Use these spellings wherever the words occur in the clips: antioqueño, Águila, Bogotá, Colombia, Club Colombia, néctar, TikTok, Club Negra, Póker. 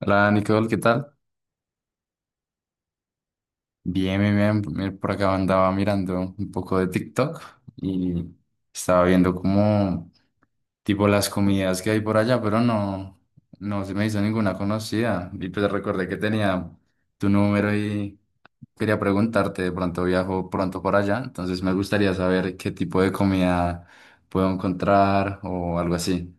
Hola Nicole, ¿qué tal? Bien, bien, bien. Mira, por acá andaba mirando un poco de TikTok y estaba viendo como tipo las comidas que hay por allá, pero no, no se me hizo ninguna conocida. Y pues recordé que tenía tu número y quería preguntarte, de pronto viajo pronto por allá, entonces me gustaría saber qué tipo de comida puedo encontrar o algo así.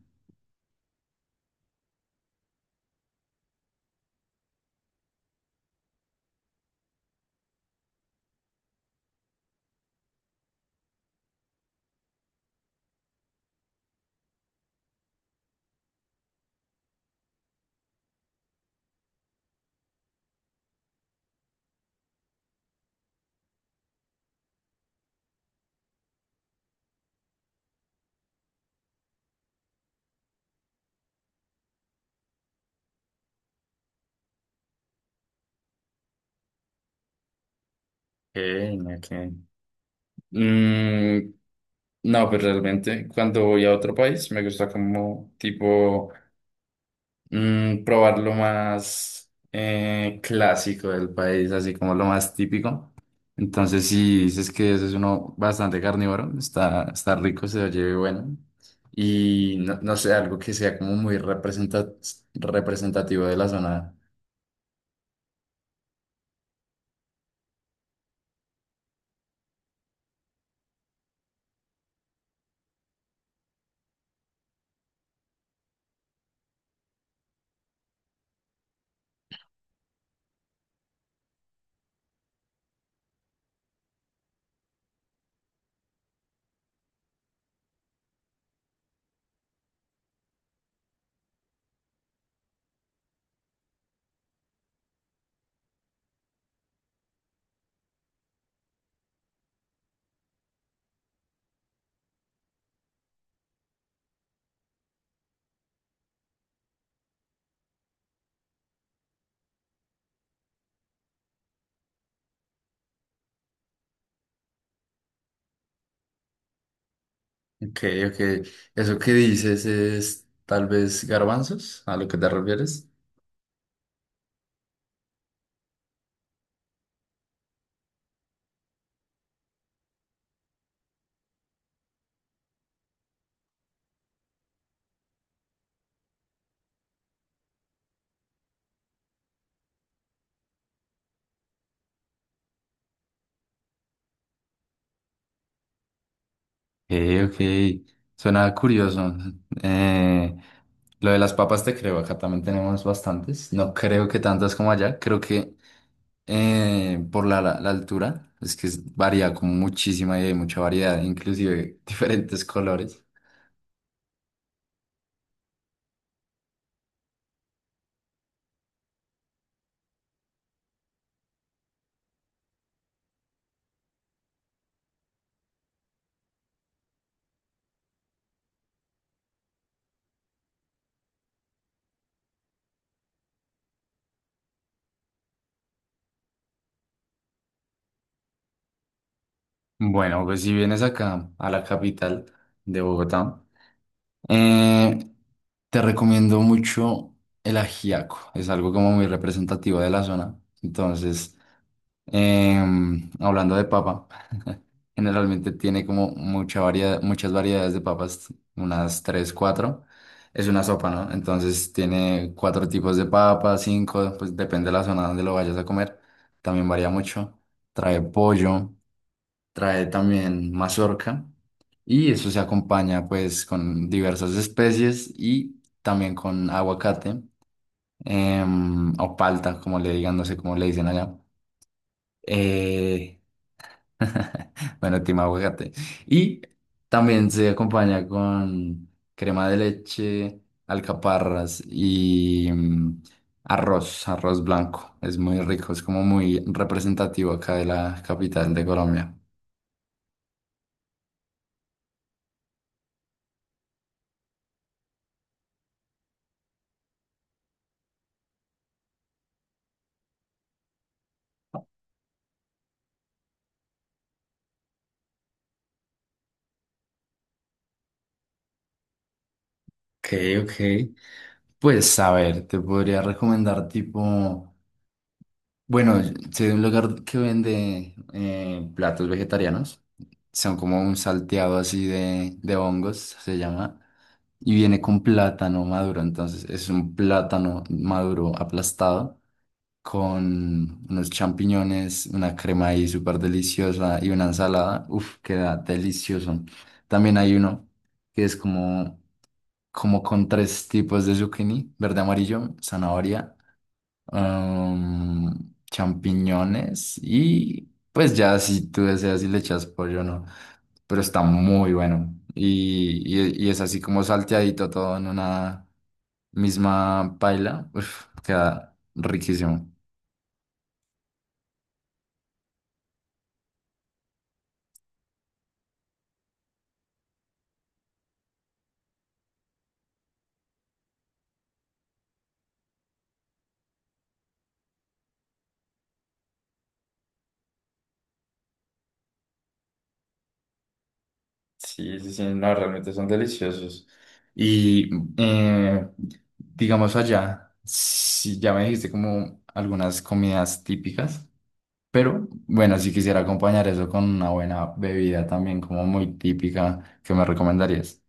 Ok, ok. Mm, No, pues realmente cuando voy a otro país me gusta como tipo probar lo más clásico del país, así como lo más típico. Entonces si dices que ese es uno bastante carnívoro, está, está rico, se oye bueno. Y no, no sé, algo que sea como muy representativo de la zona. Ok, ok. ¿Eso que dices es tal vez garbanzos? ¿A lo que te refieres? Ok, ok. Suena curioso. Eh, lo de las papas te creo, acá también tenemos bastantes. No creo que tantas como allá. Creo que por la altura, es que varía como muchísima y hay mucha variedad, inclusive diferentes colores. Bueno, pues si vienes acá a la capital de Bogotá, eh, te recomiendo mucho el ajiaco. Es algo como muy representativo de la zona. Entonces. Hablando de papa, generalmente tiene como mucha variedad, muchas variedades de papas, unas tres, cuatro. Es una sopa, ¿no? Entonces tiene cuatro tipos de papas, cinco, pues depende de la zona donde lo vayas a comer. También varía mucho. Trae pollo, trae también mazorca y eso se acompaña pues con diversas especies y también con aguacate o palta, como le digan, no sé cómo le dicen allá. Eh, Bueno, team aguacate. Y también se acompaña con crema de leche, alcaparras y arroz, arroz blanco. Es muy rico, es como muy representativo acá de la capital de Colombia. Ok, ok. Pues a ver, te podría recomendar tipo, bueno, si hay un lugar que vende platos vegetarianos, son como un salteado así de hongos, se llama. Y viene con plátano maduro, entonces es un plátano maduro aplastado con unos champiñones, una crema ahí súper deliciosa y una ensalada. Uf, queda delicioso. También hay uno que es como, como con tres tipos de zucchini, verde, amarillo, zanahoria champiñones y pues ya si tú deseas y le echas pollo no, pero está muy bueno y es así como salteadito todo en una misma paila, uf, queda riquísimo. Sí, sí, sí, no, realmente son deliciosos. Y eh, digamos allá, si ya me dijiste como algunas comidas típicas. Pero bueno, si quisiera acompañar eso con una buena bebida también, como muy típica, ¿qué me recomendarías?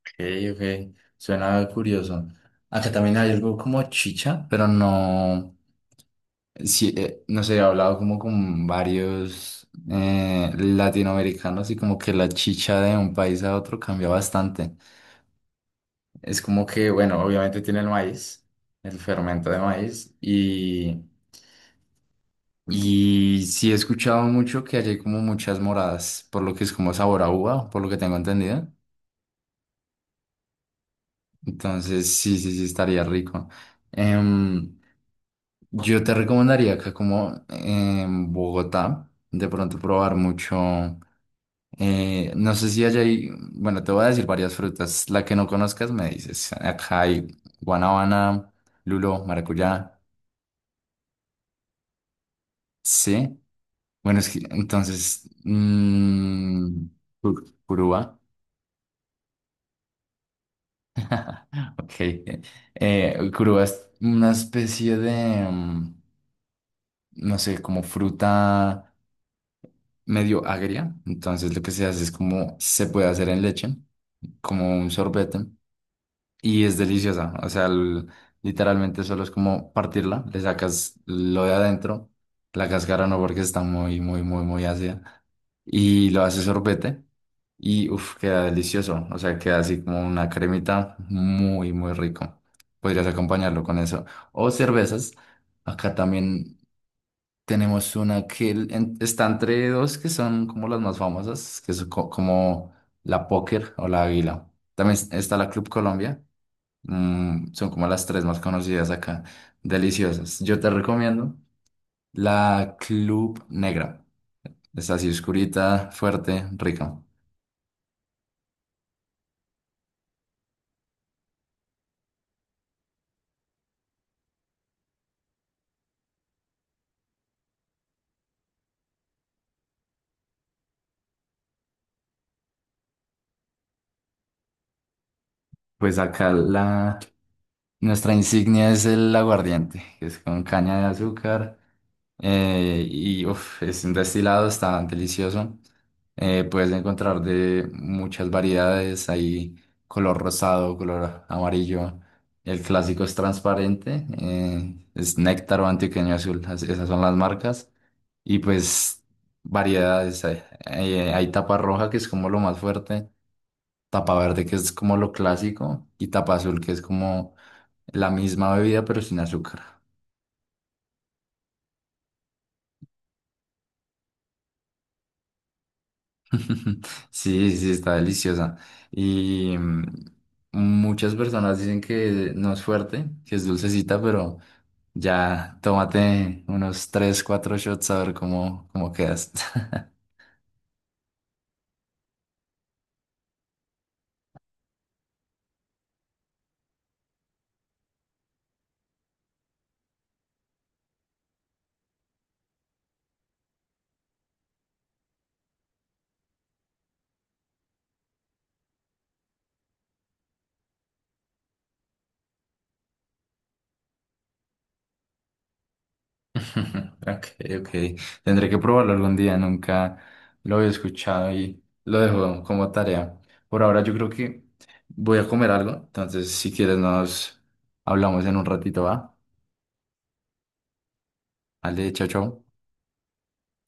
Ok, ok, suena curioso. Acá también hay algo como chicha, pero no, sí, no sé, he hablado como con varios latinoamericanos y como que la chicha de un país a otro cambia bastante. Es como que, bueno, obviamente tiene el maíz, el fermento de maíz Y sí he escuchado mucho que allí hay como muchas moradas, por lo que es como sabor a uva, por lo que tengo entendido. Entonces, sí, sí, sí, estaría rico. Em, yo te recomendaría acá como en Bogotá, de pronto probar mucho. No sé si allá hay, bueno, te voy a decir varias frutas. La que no conozcas me dices. Acá hay guanábana, lulo, maracuyá. Sí. Bueno, es que entonces, purúa. Ok. Curuba es una especie de, no sé, como fruta medio agria. Entonces lo que se hace es como se puede hacer en leche, como un sorbete. Y es deliciosa, o sea, literalmente solo es como partirla, le sacas lo de adentro, la cáscara no porque está muy, muy, muy, muy ácida, y lo haces sorbete y uff, queda delicioso, o sea, queda así como una cremita muy, muy rico. Podrías acompañarlo con eso. O cervezas, acá también tenemos una que está entre dos que son como las más famosas, que es como la Póker o la Águila. También está la Club Colombia. Son como las tres más conocidas acá. Deliciosas. Yo te recomiendo la Club Negra. Es así oscurita, fuerte, rica. Pues acá la, nuestra insignia es el aguardiente, que es con caña de azúcar. Y uf, es un destilado, está delicioso. Puedes encontrar de muchas variedades, hay color rosado, color amarillo. El clásico es transparente, es néctar o antioqueño azul, esas son las marcas. Y pues variedades, hay tapa roja que es como lo más fuerte, tapa verde que es como lo clásico y tapa azul que es como la misma bebida, pero sin azúcar. Sí, sí, está deliciosa. Y muchas personas dicen que no es fuerte, que es dulcecita, pero ya tómate unos 3 4 shots a ver cómo quedas. Ok, ok. Tendré que probarlo algún día, nunca lo había escuchado y lo dejo como tarea. Por ahora yo creo que voy a comer algo, entonces si quieres nos hablamos en un ratito, ¿va? Vale, chao, chao.